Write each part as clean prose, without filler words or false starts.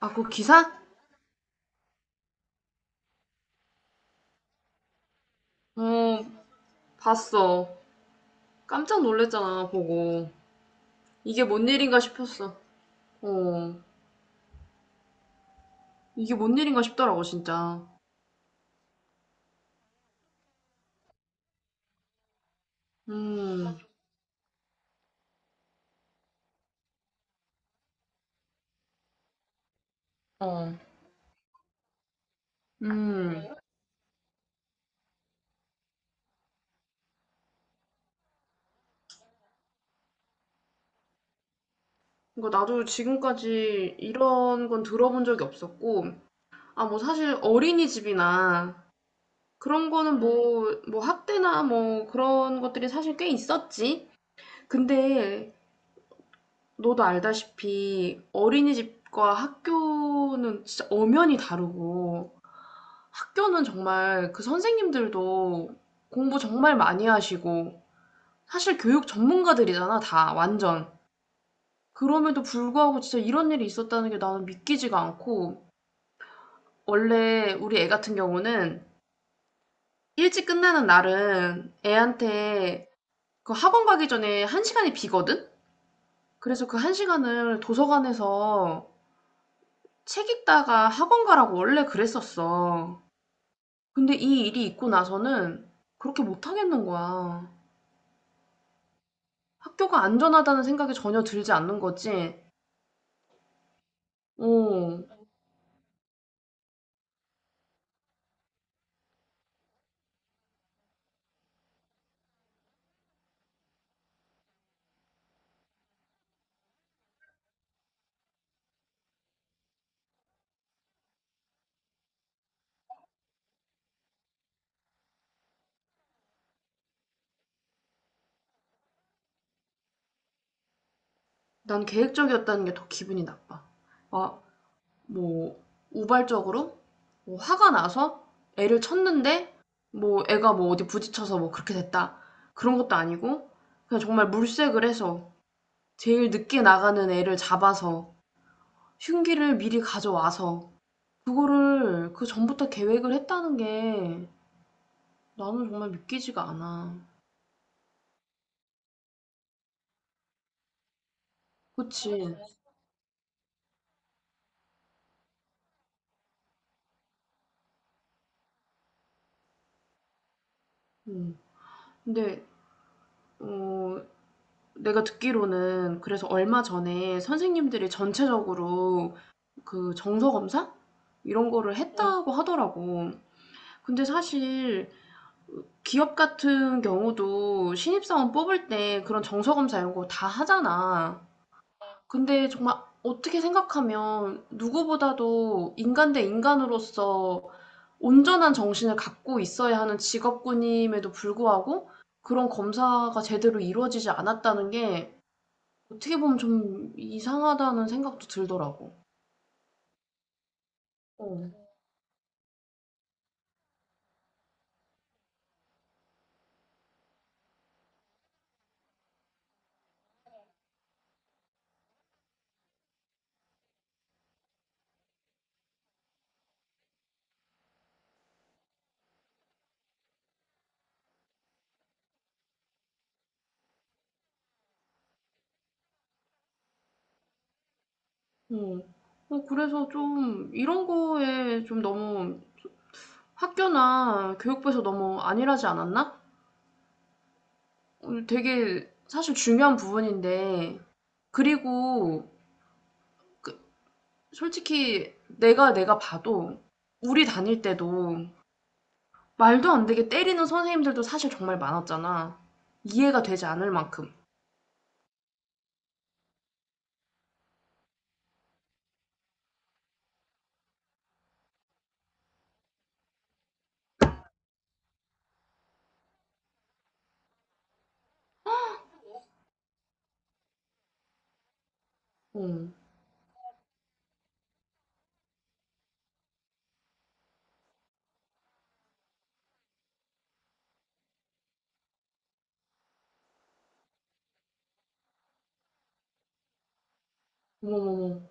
아, 그 기사? 어, 봤어. 깜짝 놀랐잖아, 보고. 이게 뭔 일인가 싶었어. 어, 이게 뭔 일인가 싶더라고, 진짜. 음, 어, 음. 그러니까 나도 지금까지 이런 건 들어본 적이 없었고, 아, 뭐 사실 어린이집이나 그런 거는 뭐, 뭐 학대나 뭐 그런 것들이 사실 꽤 있었지. 근데 너도 알다시피 어린이집과 학교는 진짜 엄연히 다르고, 학교는 정말 그 선생님들도 공부 정말 많이 하시고 사실 교육 전문가들이잖아, 다 완전. 그럼에도 불구하고 진짜 이런 일이 있었다는 게 나는 믿기지가 않고, 원래 우리 애 같은 경우는 일찍 끝나는 날은 애한테 그 학원 가기 전에 한 시간이 비거든? 그래서 그 한 시간을 도서관에서 책 읽다가 학원 가라고 원래 그랬었어. 근데 이 일이 있고 나서는 그렇게 못 하겠는 거야. 학교가 안전하다는 생각이 전혀 들지 않는 거지. 어, 난 계획적이었다는 게 더 기분이 나빠. 아, 뭐, 우발적으로? 뭐 화가 나서 애를 쳤는데, 뭐, 애가 뭐 어디 부딪혀서 뭐 그렇게 됐다. 그런 것도 아니고, 그냥 정말 물색을 해서, 제일 늦게 나가는 애를 잡아서, 흉기를 미리 가져와서, 그거를 그 전부터 계획을 했다는 게 나는 정말 믿기지가 않아. 그치? 응. 근데, 어, 내가 듣기로는 그래서 얼마 전에 선생님들이 전체적으로 그 정서 검사 이런 거를 했다고 하더라고. 근데 사실 기업 같은 경우도 신입사원 뽑을 때 그런 정서 검사 이런 거 다 하잖아. 근데 정말 어떻게 생각하면 누구보다도 인간 대 인간으로서 온전한 정신을 갖고 있어야 하는 직업군임에도 불구하고 그런 검사가 제대로 이루어지지 않았다는 게 어떻게 보면 좀 이상하다는 생각도 들더라고. 어. 어. 그래서 좀 이런 거에 좀 너무 학교나 교육부에서 너무 안일하지 않았나? 되게 사실 중요한 부분인데, 그리고 그- 솔직히 내가 봐도 우리 다닐 때도 말도 안 되게 때리는 선생님들도 사실 정말 많았잖아. 이해가 되지 않을 만큼. 어. 어머머머.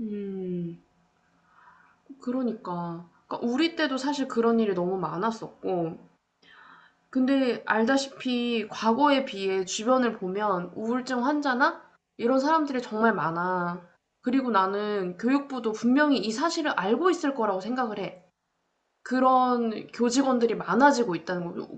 음. 그러니까. 그러니까 우리 때도 사실 그런 일이 너무 많았었고, 근데 알다시피 과거에 비해 주변을 보면 우울증 환자나 이런 사람들이 정말 많아. 그리고 나는 교육부도 분명히 이 사실을 알고 있을 거라고 생각을 해. 그런 교직원들이 많아지고 있다는 거죠.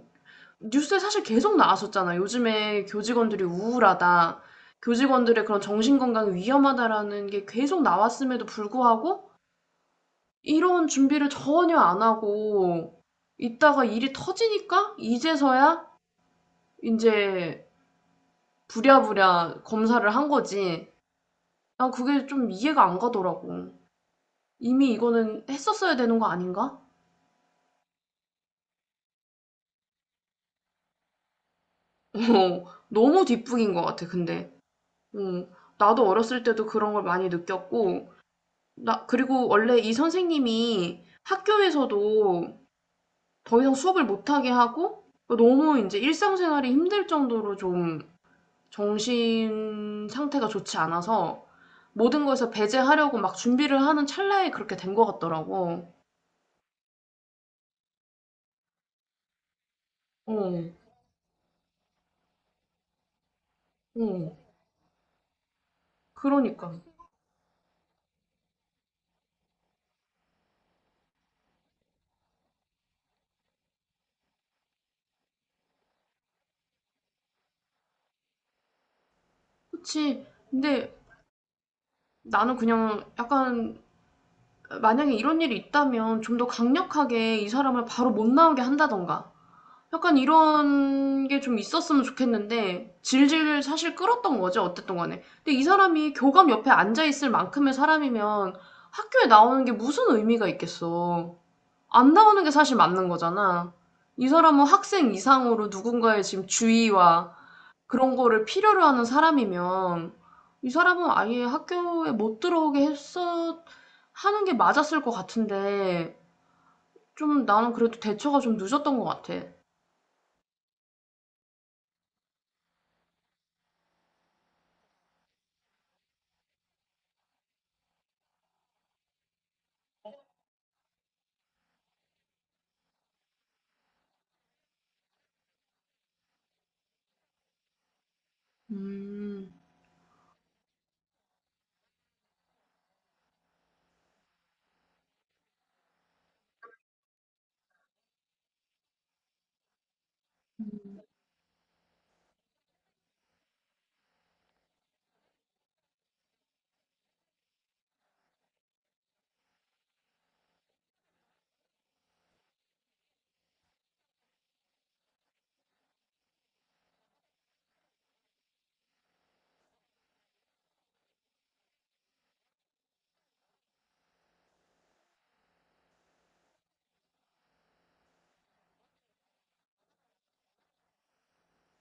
뉴스에 사실 계속 나왔었잖아. 요즘에 교직원들이 우울하다. 교직원들의 그런 정신건강이 위험하다라는 게 계속 나왔음에도 불구하고 이런 준비를 전혀 안 하고 있다가 일이 터지니까 이제서야 이제 부랴부랴 검사를 한 거지. 난 그게 좀 이해가 안 가더라고. 이미 이거는 했었어야 되는 거 아닌가? 어. 너무 뒷북인 것 같아 근데. 어. 나도 어렸을 때도 그런 걸 많이 느꼈고, 나 그리고 원래 이 선생님이 학교에서도 더 이상 수업을 못 하게 하고 너무 이제 일상생활이 힘들 정도로 좀 정신 상태가 좋지 않아서 모든 거에서 배제하려고 막 준비를 하는 찰나에 그렇게 된 것 같더라고. 어, 어, 그러니까. 그치. 근데 나는 그냥 약간 만약에 이런 일이 있다면 좀 더 강력하게 이 사람을 바로 못 나오게 한다던가. 약간 이런 게 좀 있었으면 좋겠는데 질질 사실 끌었던 거지 어쨌든 간에. 근데 이 사람이 교감 옆에 앉아 있을 만큼의 사람이면 학교에 나오는 게 무슨 의미가 있겠어. 안 나오는 게 사실 맞는 거잖아. 이 사람은 학생 이상으로 누군가의 지금 주의와 그런 거를 필요로 하는 사람이면 이 사람은 아예 학교에 못 들어오게 했어 하는 게 맞았을 것 같은데, 좀 나는 그래도 대처가 좀 늦었던 것 같아. 음,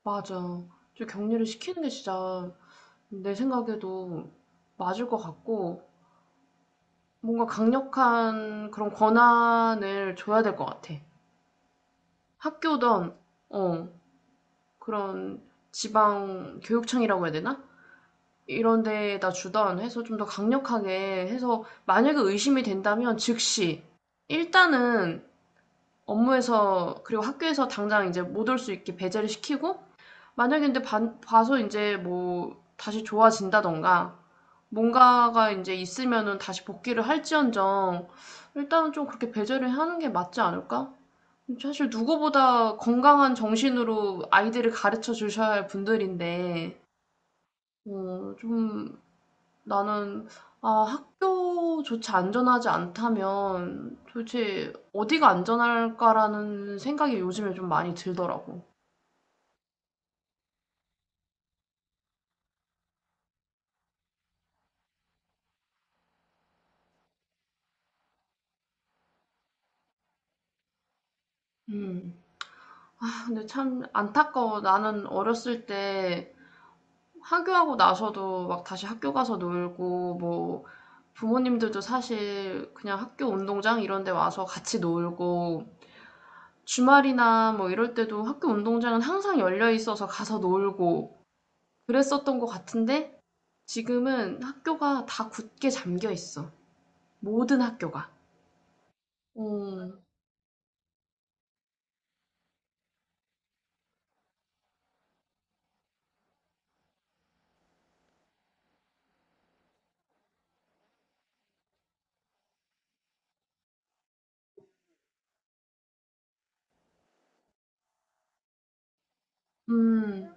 맞아. 좀 격리를 시키는 게 진짜 내 생각에도 맞을 것 같고, 뭔가 강력한 그런 권한을 줘야 될 것 같아. 학교든 어, 그런 지방 교육청이라고 해야 되나? 이런 데에다 주던 해서 좀 더 강력하게 해서 만약에 의심이 된다면 즉시 일단은 업무에서 그리고 학교에서 당장 이제 못 올 수 있게 배제를 시키고 만약에 근데 봐서 이제 뭐 다시 좋아진다던가 뭔가가 이제 있으면은 다시 복귀를 할지언정 일단은 좀 그렇게 배제를 하는 게 맞지 않을까? 사실 누구보다 건강한 정신으로 아이들을 가르쳐 주셔야 할 분들인데, 좀 나는, 아, 학교조차 안전하지 않다면 도대체 어디가 안전할까라는 생각이 요즘에 좀 많이 들더라고. 음. 아, 근데 참 안타까워. 나는 어렸을 때 하교하고 나서도 막 다시 학교 가서 놀고, 뭐 부모님들도 사실 그냥 학교 운동장 이런 데 와서 같이 놀고, 주말이나 뭐 이럴 때도 학교 운동장은 항상 열려 있어서 가서 놀고 그랬었던 것 같은데 지금은 학교가 다 굳게 잠겨 있어. 모든 학교가. 어, 음,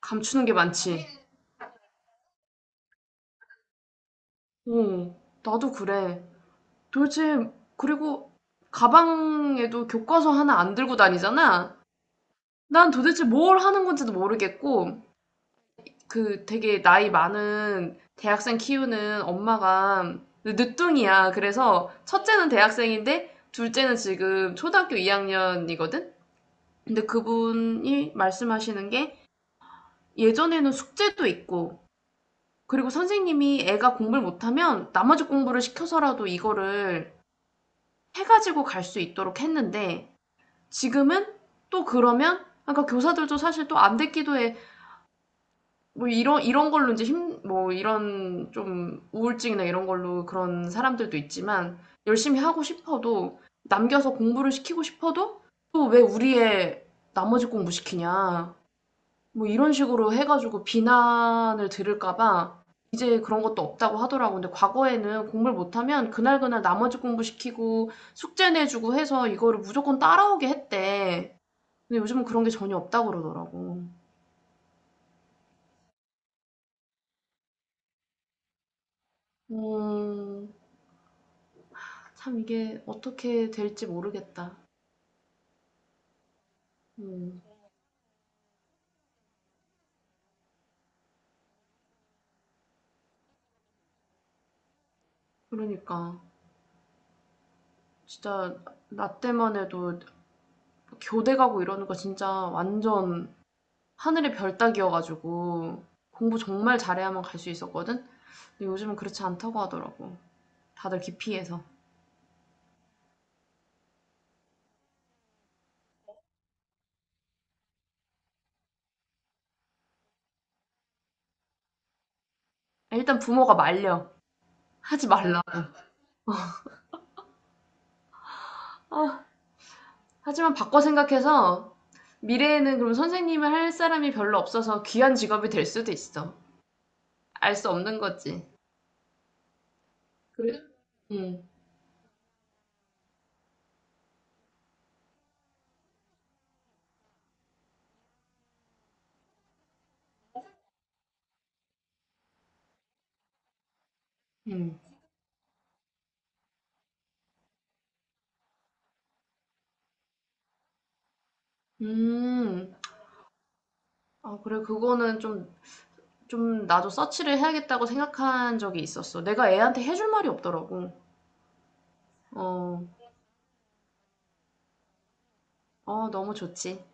감추는 게 많지. 어, 나도 그래. 도대체, 그리고 가방에도 교과서 하나 안 들고 다니잖아? 난 도대체 뭘 하는 건지도 모르겠고, 그 되게 나이 많은 대학생 키우는 엄마가 늦둥이야. 그래서 첫째는 대학생인데 둘째는 지금 초등학교 2학년이거든? 근데 그분이 말씀하시는 게 예전에는 숙제도 있고 그리고 선생님이 애가 공부를 못하면 나머지 공부를 시켜서라도 이거를 해가지고 갈 수 있도록 했는데, 지금은 또 그러면 그러니까 교사들도 사실 또 안 됐기도 해. 뭐 이런 걸로 이제 힘 뭐 이런 좀 우울증이나 이런 걸로 그런 사람들도 있지만, 열심히 하고 싶어도 남겨서 공부를 시키고 싶어도 또 "왜 우리의 나머지 공부 시키냐." 뭐 이런 식으로 해 가지고 비난을 들을까 봐 이제 그런 것도 없다고 하더라고. 근데 과거에는 공부를 못하면 그날그날 나머지 공부 시키고 숙제 내 주고 해서 이거를 무조건 따라오게 했대. 근데 요즘은 그런 게 전혀 없다고 그러더라고. 음. 참 이게 어떻게 될지 모르겠다. 음, 그러니까 진짜 나 때만 해도 교대 가고 이러는 거 진짜 완전 하늘의 별 따기여가지고 공부 정말 잘해야만 갈 수 있었거든? 근데 요즘은 그렇지 않다고 하더라고. 다들 기피해서. 일단 부모가 말려. 하지 말라. 아, 하지만 바꿔 생각해서 미래에는 그럼 선생님을 할 사람이 별로 없어서 귀한 직업이 될 수도 있어. 알 수 없는 거지. 그래? 응, 응. 음. 아, 그래. 그거는 좀, 나도 서치를 해야겠다고 생각한 적이 있었어. 내가 애한테 해줄 말이 없더라고. 어, 어, 너무 좋지.